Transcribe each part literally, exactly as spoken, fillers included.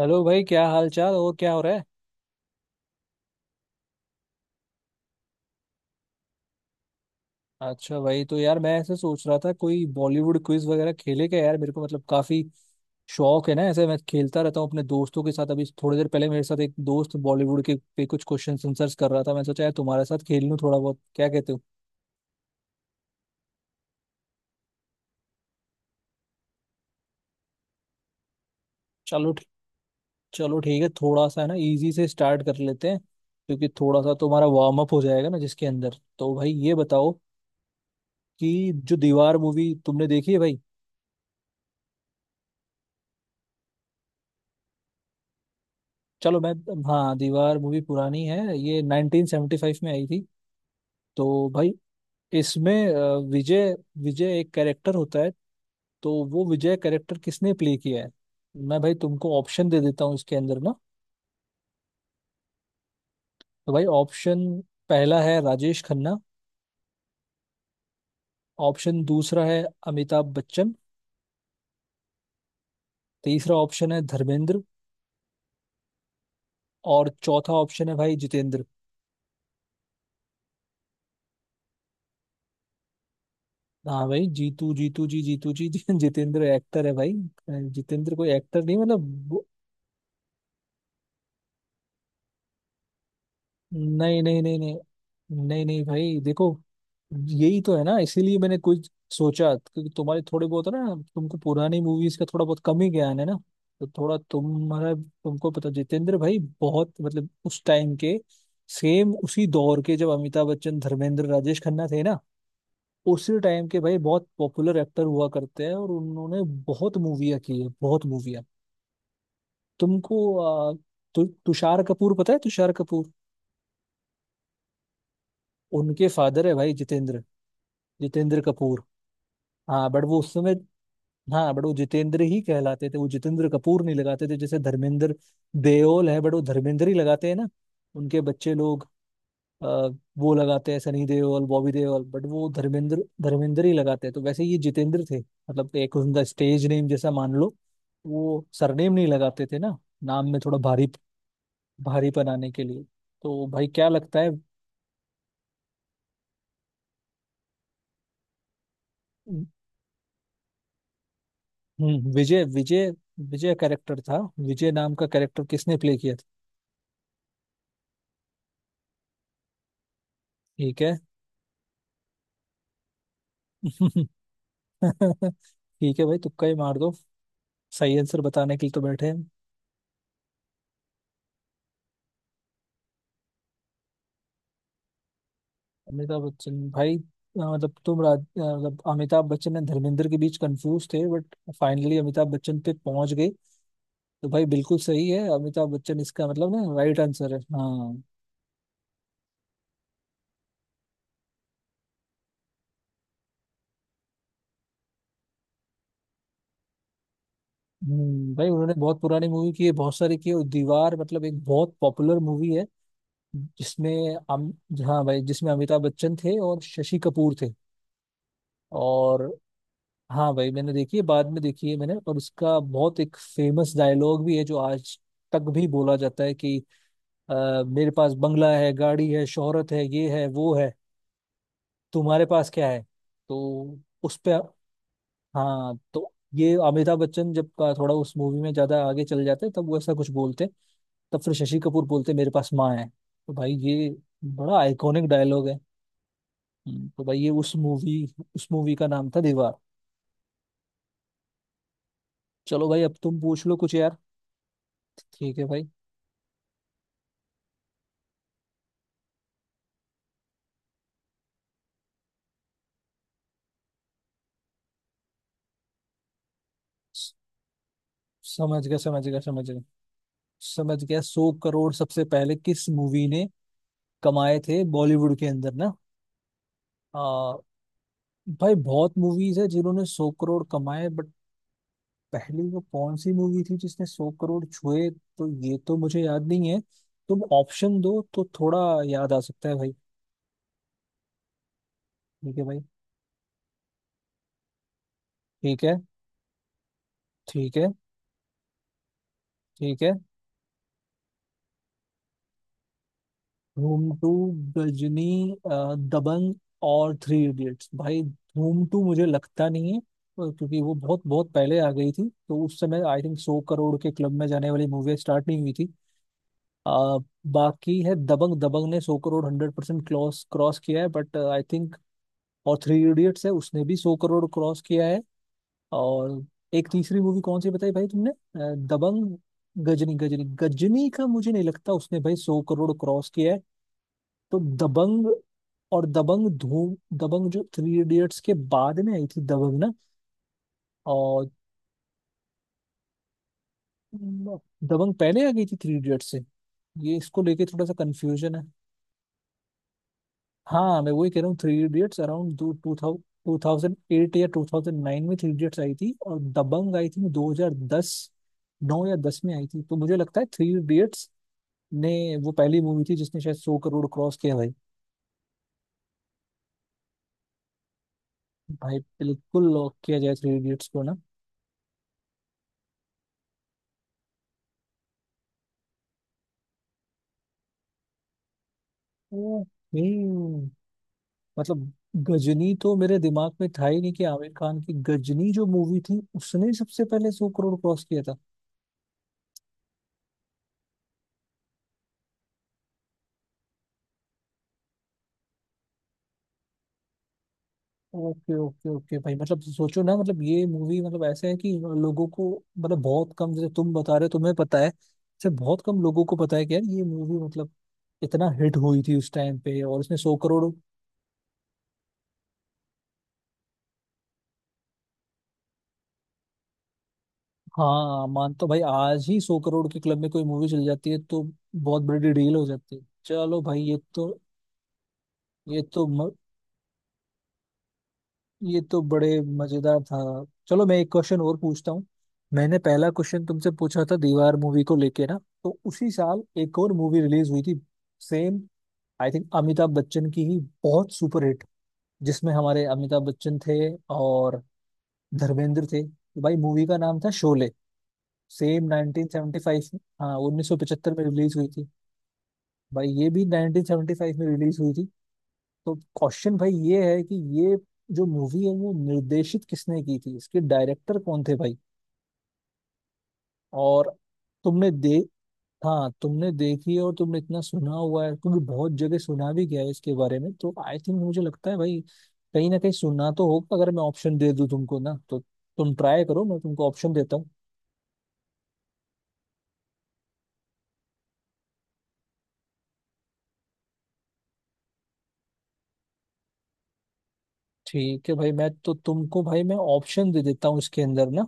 Hello भाई, क्या हाल चाल और क्या हो रहा है? अच्छा भाई, तो यार मैं ऐसे सोच रहा था कोई बॉलीवुड क्विज वगैरह खेले क्या यार। मेरे को मतलब काफी शौक है ना, ऐसे मैं खेलता रहता हूँ अपने दोस्तों के साथ। अभी थोड़ी देर पहले मेरे साथ एक दोस्त बॉलीवुड के पे कुछ क्वेश्चन आंसर्स कर रहा था। मैं सोचा यार तुम्हारे साथ खेल लूँ थोड़ा बहुत। क्या कहते हो? चलो ठीक। चलो ठीक है, थोड़ा सा है ना इजी से स्टार्ट कर लेते हैं, क्योंकि थोड़ा सा तुम्हारा वार्म अप हो जाएगा ना जिसके अंदर। तो भाई ये बताओ कि जो दीवार मूवी तुमने देखी है भाई। चलो मैं। हाँ, दीवार मूवी पुरानी है, ये नाइनटीन सेवेंटी फाइव में आई थी। तो भाई इसमें अ, विजय विजय एक कैरेक्टर होता है। तो वो विजय कैरेक्टर किसने प्ले किया है? मैं भाई तुमको ऑप्शन दे देता हूँ इसके अंदर ना। तो भाई ऑप्शन पहला है राजेश खन्ना। ऑप्शन दूसरा है अमिताभ बच्चन। तीसरा ऑप्शन है धर्मेंद्र। और चौथा ऑप्शन है भाई जितेंद्र। हाँ भाई, जीतू जीतू जी जीतू जी जितेंद्र एक्टर है भाई। जितेंद्र कोई एक्टर नहीं, मतलब नहीं नहीं नहीं, नहीं नहीं नहीं भाई, देखो यही तो है ना। इसीलिए मैंने कुछ सोचा, क्योंकि तुम्हारे थोड़े बहुत है ना, तुमको पुरानी मूवीज का थोड़ा बहुत कम ही ज्ञान है ना। तो थोड़ा तुम्हारा, तुमको पता, जितेंद्र भाई बहुत मतलब उस टाइम के, सेम उसी दौर के जब अमिताभ बच्चन, धर्मेंद्र, राजेश खन्ना थे ना, उसी टाइम के भाई बहुत पॉपुलर एक्टर हुआ करते हैं, और उन्होंने बहुत मूवियाँ की है, बहुत मूवियाँ। तुमको आ, तु, तुषार कपूर पता है? तुषार कपूर उनके फादर है भाई जितेंद्र, जितेंद्र कपूर। हाँ बट वो उस समय, हाँ बट वो जितेंद्र ही कहलाते थे, वो जितेंद्र कपूर नहीं लगाते थे। जैसे धर्मेंद्र देओल है बट वो धर्मेंद्र ही लगाते हैं ना। उनके बच्चे लोग अ, वो लगाते हैं, सनी देओल, बॉबी देओल, बट वो धर्मेंद्र, धर्मेंद्र ही लगाते हैं। तो वैसे ये जितेंद्र थे, मतलब एक उनका स्टेज नेम जैसा मान लो। वो सरनेम नहीं लगाते थे ना, नाम में थोड़ा भारी, भारीपन आने के लिए। तो भाई क्या लगता है? हम्म, विजय, विजय। विजय कैरेक्टर था। विजय नाम का कैरेक्टर किसने प्ले किया था? ठीक है। ठीक है भाई, तुक्का ही मार दो। सही आंसर बताने के लिए तो बैठे हैं। अमिताभ बच्चन भाई, अ, मतलब तुम राज अ, मतलब अमिताभ बच्चन और धर्मेंद्र के बीच कंफ्यूज थे बट फाइनली अमिताभ बच्चन पे पहुंच गए। तो भाई बिल्कुल सही है, अमिताभ बच्चन। इसका मतलब ना राइट आंसर है। हाँ, हम्म भाई, उन्होंने बहुत पुरानी मूवी की है, बहुत सारी की है। और दीवार मतलब एक बहुत पॉपुलर मूवी है, जिसमें अम हाँ भाई, जिसमें अमिताभ बच्चन थे और शशि कपूर थे। और हाँ भाई मैंने देखी है, बाद में देखी है मैंने। और उसका बहुत एक फेमस डायलॉग भी है जो आज तक भी बोला जाता है कि अ, मेरे पास बंगला है, गाड़ी है, शोहरत है, ये है, वो है, तुम्हारे पास क्या है? तो उस पे, हाँ, तो ये अमिताभ बच्चन जब का, थोड़ा उस मूवी में ज्यादा आगे चले जाते हैं, तब वो ऐसा कुछ बोलते हैं। तब फिर शशि कपूर बोलते हैं, मेरे पास माँ है। तो भाई ये बड़ा आइकॉनिक डायलॉग है। हम्म, तो भाई ये उस मूवी, उस मूवी का नाम था दीवार। चलो भाई, अब तुम पूछ लो कुछ यार। ठीक है भाई। समझ गया समझ गया समझ गया समझ गया सौ करोड़ सबसे पहले किस मूवी ने कमाए थे बॉलीवुड के अंदर ना। आ, भाई बहुत मूवीज है जिन्होंने सौ करोड़ कमाए बट पहली वो कौन सी मूवी थी जिसने सौ करोड़ छुए, तो ये तो मुझे याद नहीं है। तुम ऑप्शन दो तो थोड़ा याद आ सकता है भाई। ठीक है भाई। ठीक है। ठीक है। ठीक है। धूम टू, गजनी, अ, दबंग और थ्री इडियट्स। भाई धूम टू मुझे लगता नहीं है, अ, क्योंकि वो बहुत बहुत पहले आ गई थी, तो उस समय आई थिंक सौ करोड़ के क्लब में जाने वाली मूवी स्टार्ट नहीं हुई थी। अ, बाकी है दबंग। दबंग ने सौ crore hundred percent cross cross किया है, बट आई थिंक। और थ्री इडियट्स है, उसने भी सौ करोड़ क्रॉस किया है। और एक तीसरी मूवी कौन सी बताई भाई तुमने, अ, दबंग, गजनी। गजनी, गजनी का मुझे नहीं लगता उसने भाई सौ करोड़ क्रॉस किया है। तो दबंग, और दबंग, धूम, दबंग जो थ्री इडियट्स के बाद में आई थी दबंग ना। और दबंग पहले आ गई थी थ्री इडियट्स से, ये इसको लेके थोड़ा सा कंफ्यूजन है। हाँ, मैं वही कह रहा हूँ, three idiots around two thousand, two thousand eight या टू थाउजेंड नाइन में थ्री इडियट्स आई थी और दबंग आई थी दो हजार दस, नौ या दस में आई थी। तो मुझे लगता है थ्री इडियट्स ने, वो पहली मूवी थी जिसने शायद सौ करोड़ क्रॉस किया भाई। भाई बिल्कुल लॉक किया जाए थ्री इडियट्स को ना। ओके। मतलब गजनी तो मेरे दिमाग में था ही नहीं कि आमिर खान की गजनी जो मूवी थी उसने सबसे पहले सौ करोड़ क्रॉस किया था। ओके ओके ओके भाई, मतलब सोचो ना, मतलब ये मूवी, मतलब ऐसा है कि लोगों को मतलब बहुत कम, जैसे तुम बता रहे हो तुम्हें पता है, जैसे बहुत कम लोगों को पता है कि यार ये मूवी मतलब इतना हिट हुई थी उस टाइम पे और इसने सौ करोड़। हाँ मान, तो भाई आज ही सौ करोड़ के क्लब में कोई मूवी चल जाती है तो बहुत बड़ी डील हो जाती है। चलो भाई, ये तो ये तो म- ये तो बड़े मजेदार था। चलो मैं एक क्वेश्चन और पूछता हूँ। मैंने पहला क्वेश्चन तुमसे पूछा था दीवार मूवी को लेके ना। तो उसी साल एक और मूवी रिलीज हुई थी, same I think Amitabh Bachchan की ही, बहुत सुपरहिट, जिसमें हमारे अमिताभ बच्चन थे और धर्मेंद्र थे। तो भाई मूवी का नाम था शोले। सेम उन्नीस सौ पचहत्तर में, हाँ उन्नीस सौ पचहत्तर में रिलीज हुई थी। भाई ये भी नाइनटीन सेवेंटी फाइव में रिलीज हुई थी। तो क्वेश्चन भाई ये है कि ये जो मूवी है वो निर्देशित किसने की थी, इसके डायरेक्टर कौन थे भाई? और तुमने दे, हाँ तुमने देखी है और तुमने इतना सुना हुआ है, क्योंकि बहुत जगह सुना भी गया है इसके बारे में, तो आई थिंक मुझे लगता है भाई कहीं ना कहीं सुनना तो होगा। अगर मैं ऑप्शन दे दूं तुमको ना, तो तुम ट्राई करो। मैं तुमको ऑप्शन देता हूँ। ठीक है भाई, मैं तो तुमको भाई मैं ऑप्शन दे देता हूँ इसके अंदर ना।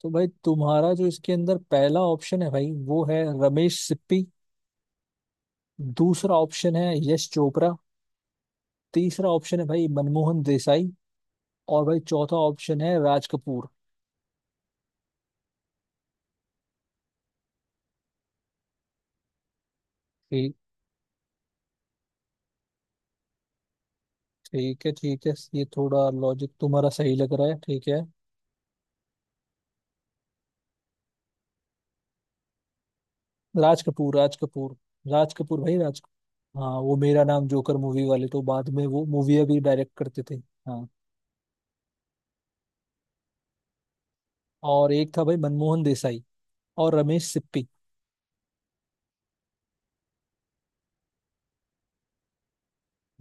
तो भाई तुम्हारा जो इसके अंदर पहला ऑप्शन है भाई, वो है रमेश सिप्पी। दूसरा ऑप्शन है यश चोपड़ा। तीसरा ऑप्शन है भाई मनमोहन देसाई। और भाई चौथा ऑप्शन है राज कपूर। ठीक। ठीक है, ठीक है, ये थोड़ा लॉजिक तुम्हारा सही लग रहा है। ठीक है। राज कपूर राज कपूर राज कपूर भाई राज हाँ, वो मेरा नाम जोकर मूवी वाले, तो बाद में वो मूवी भी डायरेक्ट करते थे हाँ। और एक था भाई मनमोहन देसाई, और रमेश सिप्पी।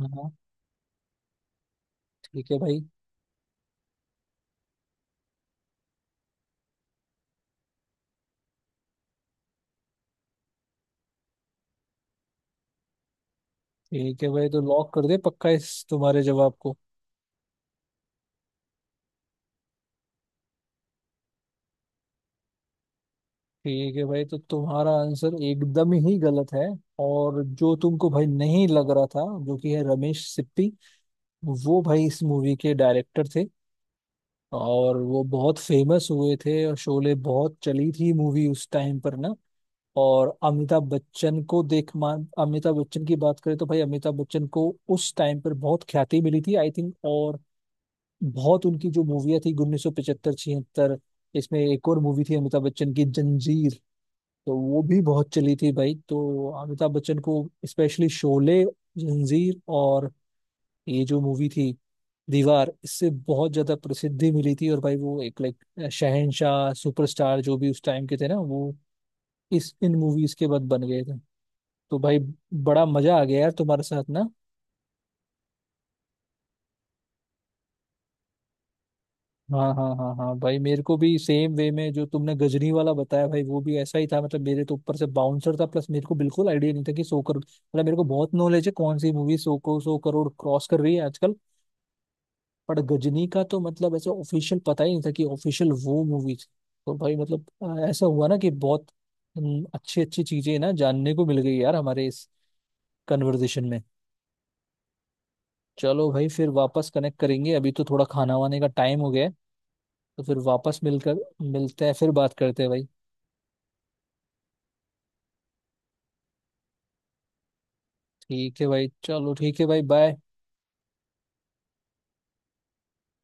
हाँ, ठीक है भाई। ठीक है भाई, तो लॉक कर दे पक्का इस तुम्हारे जवाब को। ठीक है भाई, तो तुम्हारा आंसर एकदम ही गलत है। और जो तुमको भाई नहीं लग रहा था, जो कि है रमेश सिप्पी, वो भाई इस मूवी के डायरेक्टर थे। और वो बहुत फेमस हुए थे और शोले बहुत चली थी मूवी उस टाइम पर ना। और अमिताभ बच्चन को देख मान, अमिताभ बच्चन की बात करें तो भाई अमिताभ बच्चन को उस टाइम पर बहुत ख्याति मिली थी आई थिंक। और बहुत उनकी जो मूवियाँ थी उन्नीस सौ पचहत्तर, छिहत्तर, इसमें एक और मूवी थी अमिताभ बच्चन की जंजीर। तो वो भी बहुत चली थी भाई। तो अमिताभ बच्चन को स्पेशली शोले, जंजीर और ये जो मूवी थी दीवार, इससे बहुत ज्यादा प्रसिद्धि मिली थी। और भाई वो एक लाइक शहनशाह, सुपरस्टार, जो भी उस टाइम के थे ना, वो इस, इन मूवीज के बाद बन गए थे। तो भाई बड़ा मजा आ गया यार तुम्हारे साथ ना। हाँ हाँ हाँ हाँ भाई, मेरे को भी सेम वे में जो तुमने गजनी वाला बताया भाई वो भी ऐसा ही था। मतलब मेरे तो ऊपर से बाउंसर था, प्लस मेरे को बिल्कुल आइडिया नहीं था कि सौ करोड़, मतलब मेरे को बहुत नॉलेज है कौन सी मूवी सौ को सौ करोड़ क्रॉस कर रही है आजकल। बट गजनी का तो मतलब ऐसे ऑफिशियल पता ही नहीं था कि ऑफिशियल वो मूवी थी। तो भाई मतलब अ, ऐसा हुआ ना कि बहुत अच्छी अच्छी चीजें ना जानने को मिल गई यार हमारे इस कन्वर्जेशन में। चलो भाई फिर वापस कनेक्ट करेंगे, अभी तो थोड़ा खाना वाने का टाइम हो गया है। तो फिर वापस मिलकर मिलते हैं, फिर बात करते हैं भाई। ठीक है भाई, चलो ठीक है भाई, बाय।